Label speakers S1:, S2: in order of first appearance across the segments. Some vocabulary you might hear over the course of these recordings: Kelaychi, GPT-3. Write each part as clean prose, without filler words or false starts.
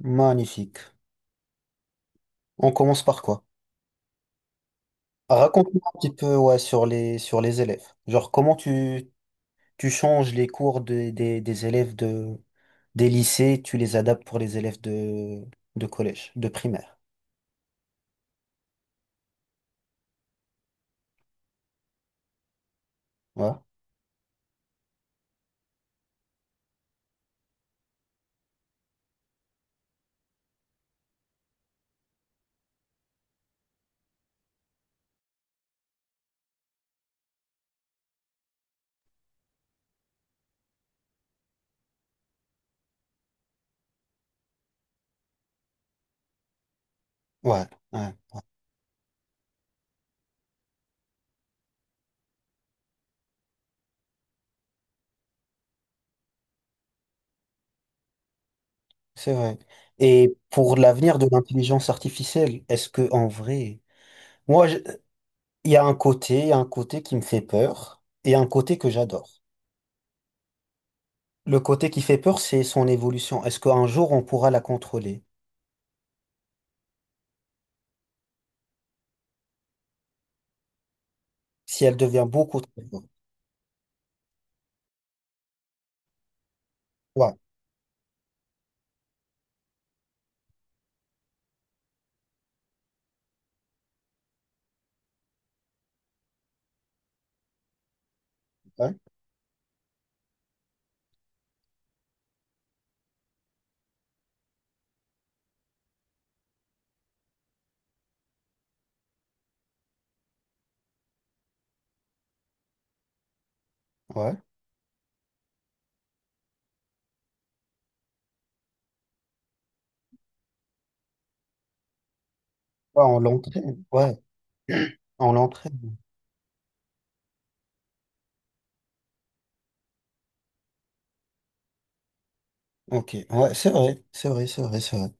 S1: Magnifique. On commence par quoi? Ah, raconte-moi un petit peu ouais, sur les élèves. Genre, comment tu changes les cours des élèves des lycées, tu les adaptes pour les élèves de collège, de primaire. Ouais, ouais, ouais, c'est vrai. Et pour l'avenir de l'intelligence artificielle, est-ce que en vrai, moi, je- il y a un côté, il y a un côté qui me fait peur et un côté que j'adore. Le côté qui fait peur, c'est son évolution. Est-ce qu'un jour on pourra la contrôler? Si elle devient beaucoup trop forte. Ouais, ouais, ouais. Ouais, on l'entraîne. Ouais, on l'entraîne. Ok, ouais, c'est vrai, c'est vrai, c'est vrai, c'est vrai.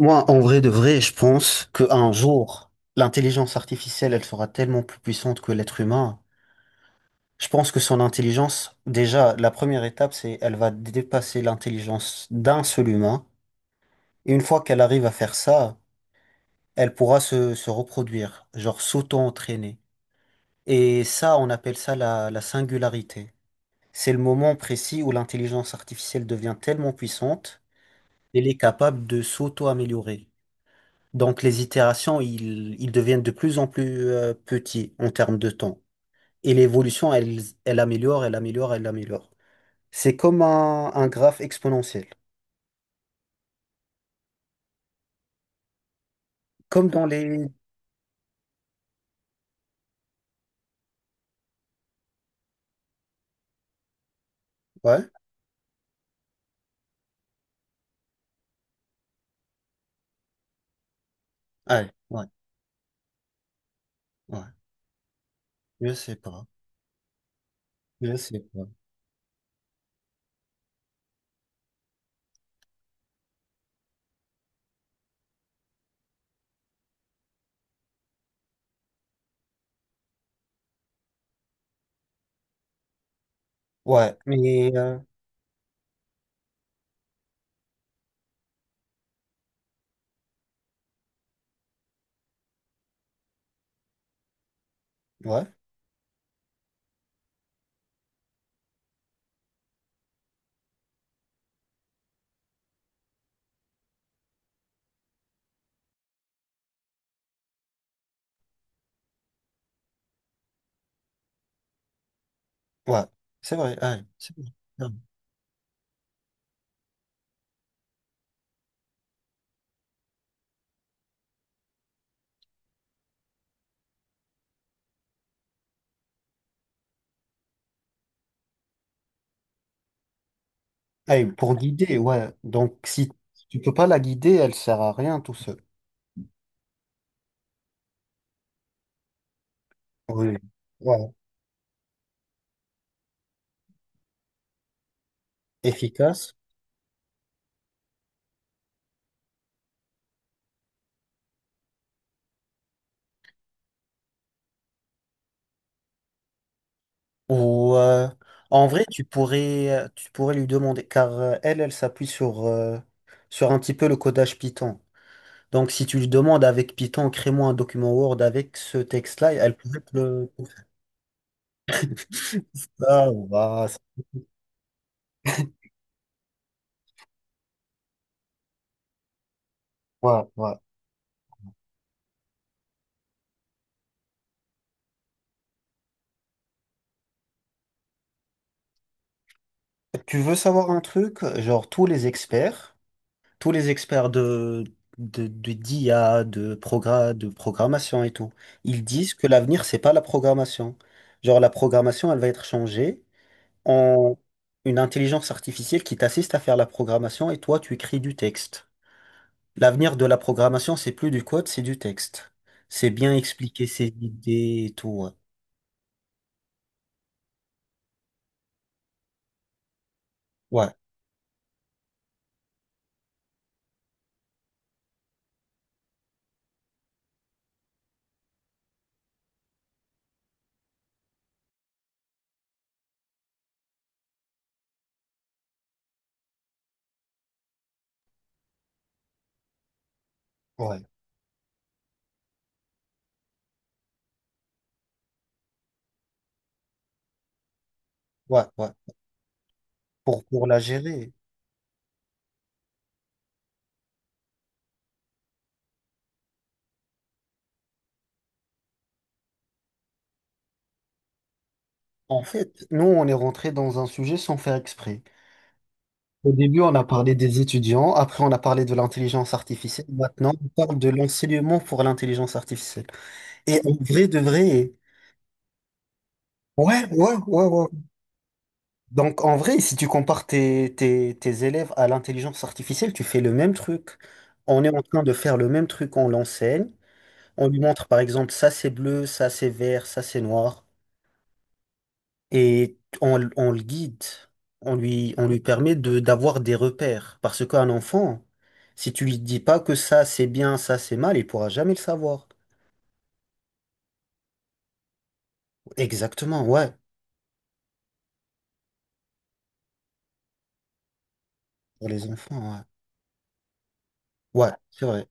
S1: Moi, en vrai de vrai, je pense qu'un jour, l'intelligence artificielle, elle sera tellement plus puissante que l'être humain. Je pense que son intelligence, déjà, la première étape, c'est elle va dépasser l'intelligence d'un seul humain. Et une fois qu'elle arrive à faire ça, elle pourra se reproduire, genre s'auto-entraîner. Et ça, on appelle ça la singularité. C'est le moment précis où l'intelligence artificielle devient tellement puissante qu'elle est capable de s'auto-améliorer. Donc les itérations, ils deviennent de plus en plus petits en termes de temps. Et l'évolution, elle améliore, elle améliore, elle améliore. C'est comme un graphe exponentiel. Comme dans les. Ouais, ouais, ouais, ouais. Je sais pas. Je sais pas. Ouais, mais, ouais, ouais. C'est vrai, ouais, c'est vrai. Ah, et pour guider, ouais. Donc, si tu peux pas la guider, elle sert à rien, tout seul. Oui. Ouais. Efficace. Ou en vrai, tu pourrais lui demander, car elle s'appuie sur un petit peu le codage Python. Donc, si tu lui demandes avec Python, crée-moi un document Word avec ce texte-là, elle pourrait te le. Ah, ouais, ouais. Tu veux savoir un truc? Genre, tous les experts de, d'IA, de programmation et tout, ils disent que l'avenir, c'est pas la programmation. Genre, la programmation, elle va être changée en une intelligence artificielle qui t'assiste à faire la programmation et toi, tu écris du texte. L'avenir de la programmation, c'est plus du code, c'est du texte. C'est bien expliquer ses idées et tout. Ouais, ouais, ouais, ouais. Ouais. Pour la gérer. En fait, nous, on est rentré dans un sujet sans faire exprès. Au début, on a parlé des étudiants, après on a parlé de l'intelligence artificielle, maintenant on parle de l'enseignement pour l'intelligence artificielle. Et en vrai, de vrai, ouais, ouais, ouais, ouais. Donc en vrai, si tu compares tes, tes élèves à l'intelligence artificielle, tu fais le même truc. On est en train de faire le même truc, on l'enseigne. On lui montre par exemple, ça c'est bleu, ça c'est vert, ça c'est noir. Et on le guide, on lui permet de d'avoir des repères. Parce qu'un enfant, si tu lui dis pas que ça c'est bien, ça c'est mal, il pourra jamais le savoir. Exactement, ouais, pour les enfants, ouais. Ouais,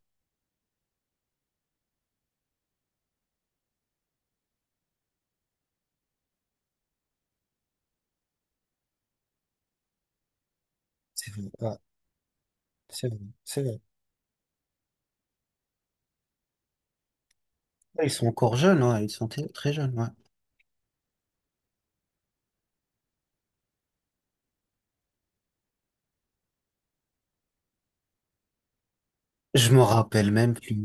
S1: c'est vrai, ouais, c'est vrai, c'est vrai. Ouais, ils sont encore jeunes, ouais, ils sont très très jeunes, ouais. Je me rappelle même plus.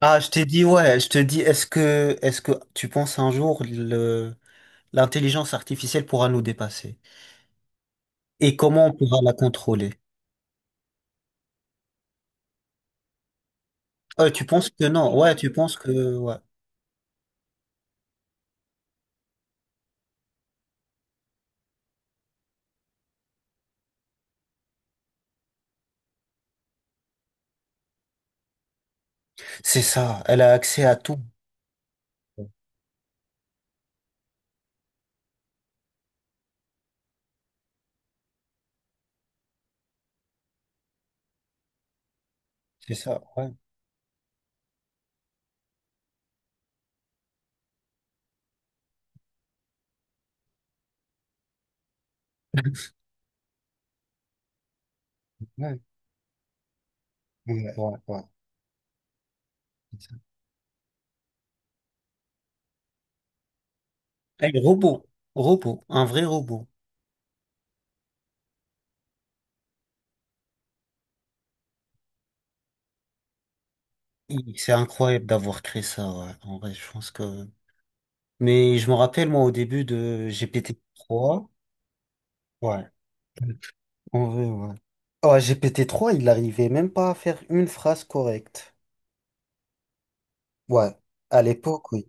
S1: Ah, je t'ai dit, ouais, je te dis, est-ce que tu penses un jour l'intelligence artificielle pourra nous dépasser? Et comment on pourra la contrôler? Ouais, tu penses que non, ouais, tu penses que ouais. C'est ça, elle a accès à tout. C'est ça, ouais. Ouais, ouais, ouais, ouais. C'est ça. Elle est robot, robot, un vrai robot. Hi, c'est incroyable d'avoir créé ça, ouais. En vrai, je pense que. Mais je me rappelle, moi, au début de GPT-3, ouais, en vrai, ouais. Ouais, GPT-3, il n'arrivait même pas à faire une phrase correcte. Ouais, à l'époque, oui.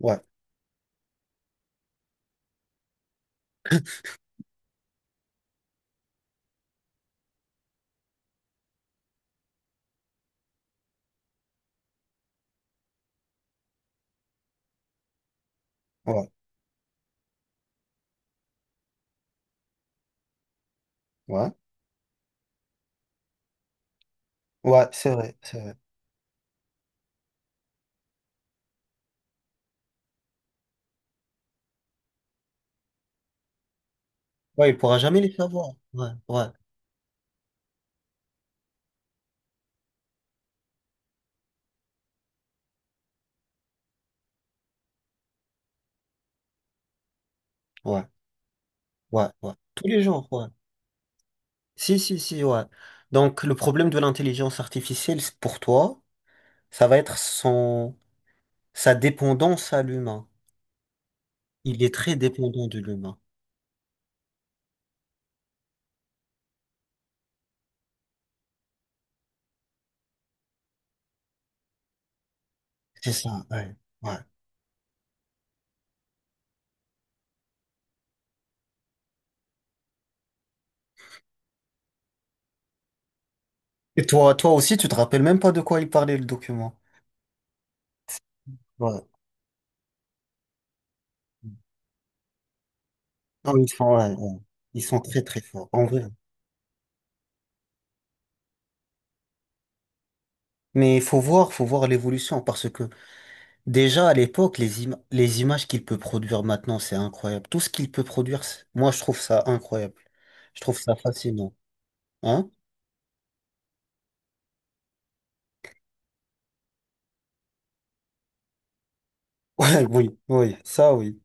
S1: Ouais, ouais, ouais. Ouais, c'est vrai, c'est vrai. Ouais, il pourra jamais les savoir. Ouais, ouais, ouais. Ouais, ouais. Tous les jours, ouais. Si, si, si, ouais. Donc, le problème de l'intelligence artificielle, pour toi, ça va être sa dépendance à l'humain. Il est très dépendant de l'humain. C'est ça, ouais. Ouais. Et toi, toi aussi, tu te rappelles même pas de quoi il parlait, le document. Ouais. Non, ils sont, ouais, ouais. Ils sont très, très forts, en vrai. Mais il faut voir l'évolution, parce que déjà, à l'époque, les images qu'il peut produire maintenant, c'est incroyable. Tout ce qu'il peut produire, moi, je trouve ça incroyable. Je trouve ça fascinant. Hein? Ouais, oui, oui, ça, oui,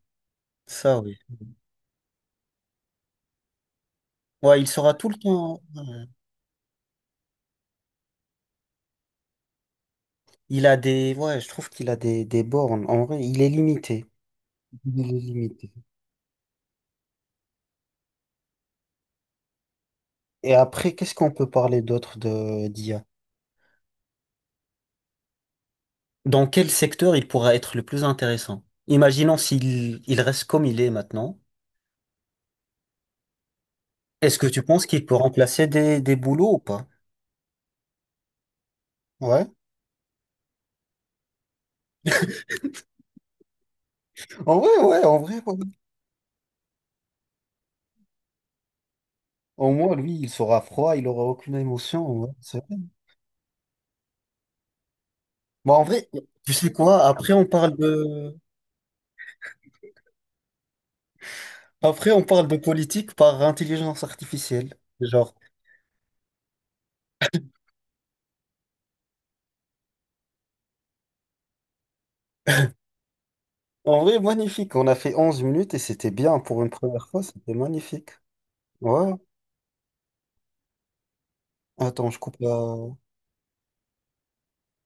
S1: ça, oui. Ouais, il sera tout le temps. Il a des. Ouais, je trouve qu'il a des bornes. En vrai, il est limité. Il est limité. Et après, qu'est-ce qu'on peut parler d'autre de d'IA? Dans quel secteur il pourra être le plus intéressant? Imaginons s'il il reste comme il est maintenant. Est-ce que tu penses qu'il peut remplacer des boulots ou pas? Ouais. En vrai, ouais, en vrai, ouais. Au moins, lui, il sera froid, il aura aucune émotion. Ouais, c'est vrai. Bon, en vrai, tu sais quoi? Après, on parle de. Après, on parle de politique par intelligence artificielle. Genre, en vrai, magnifique. On a fait 11 minutes et c'était bien pour une première fois. C'était magnifique. Ouais. Attends, je coupe la.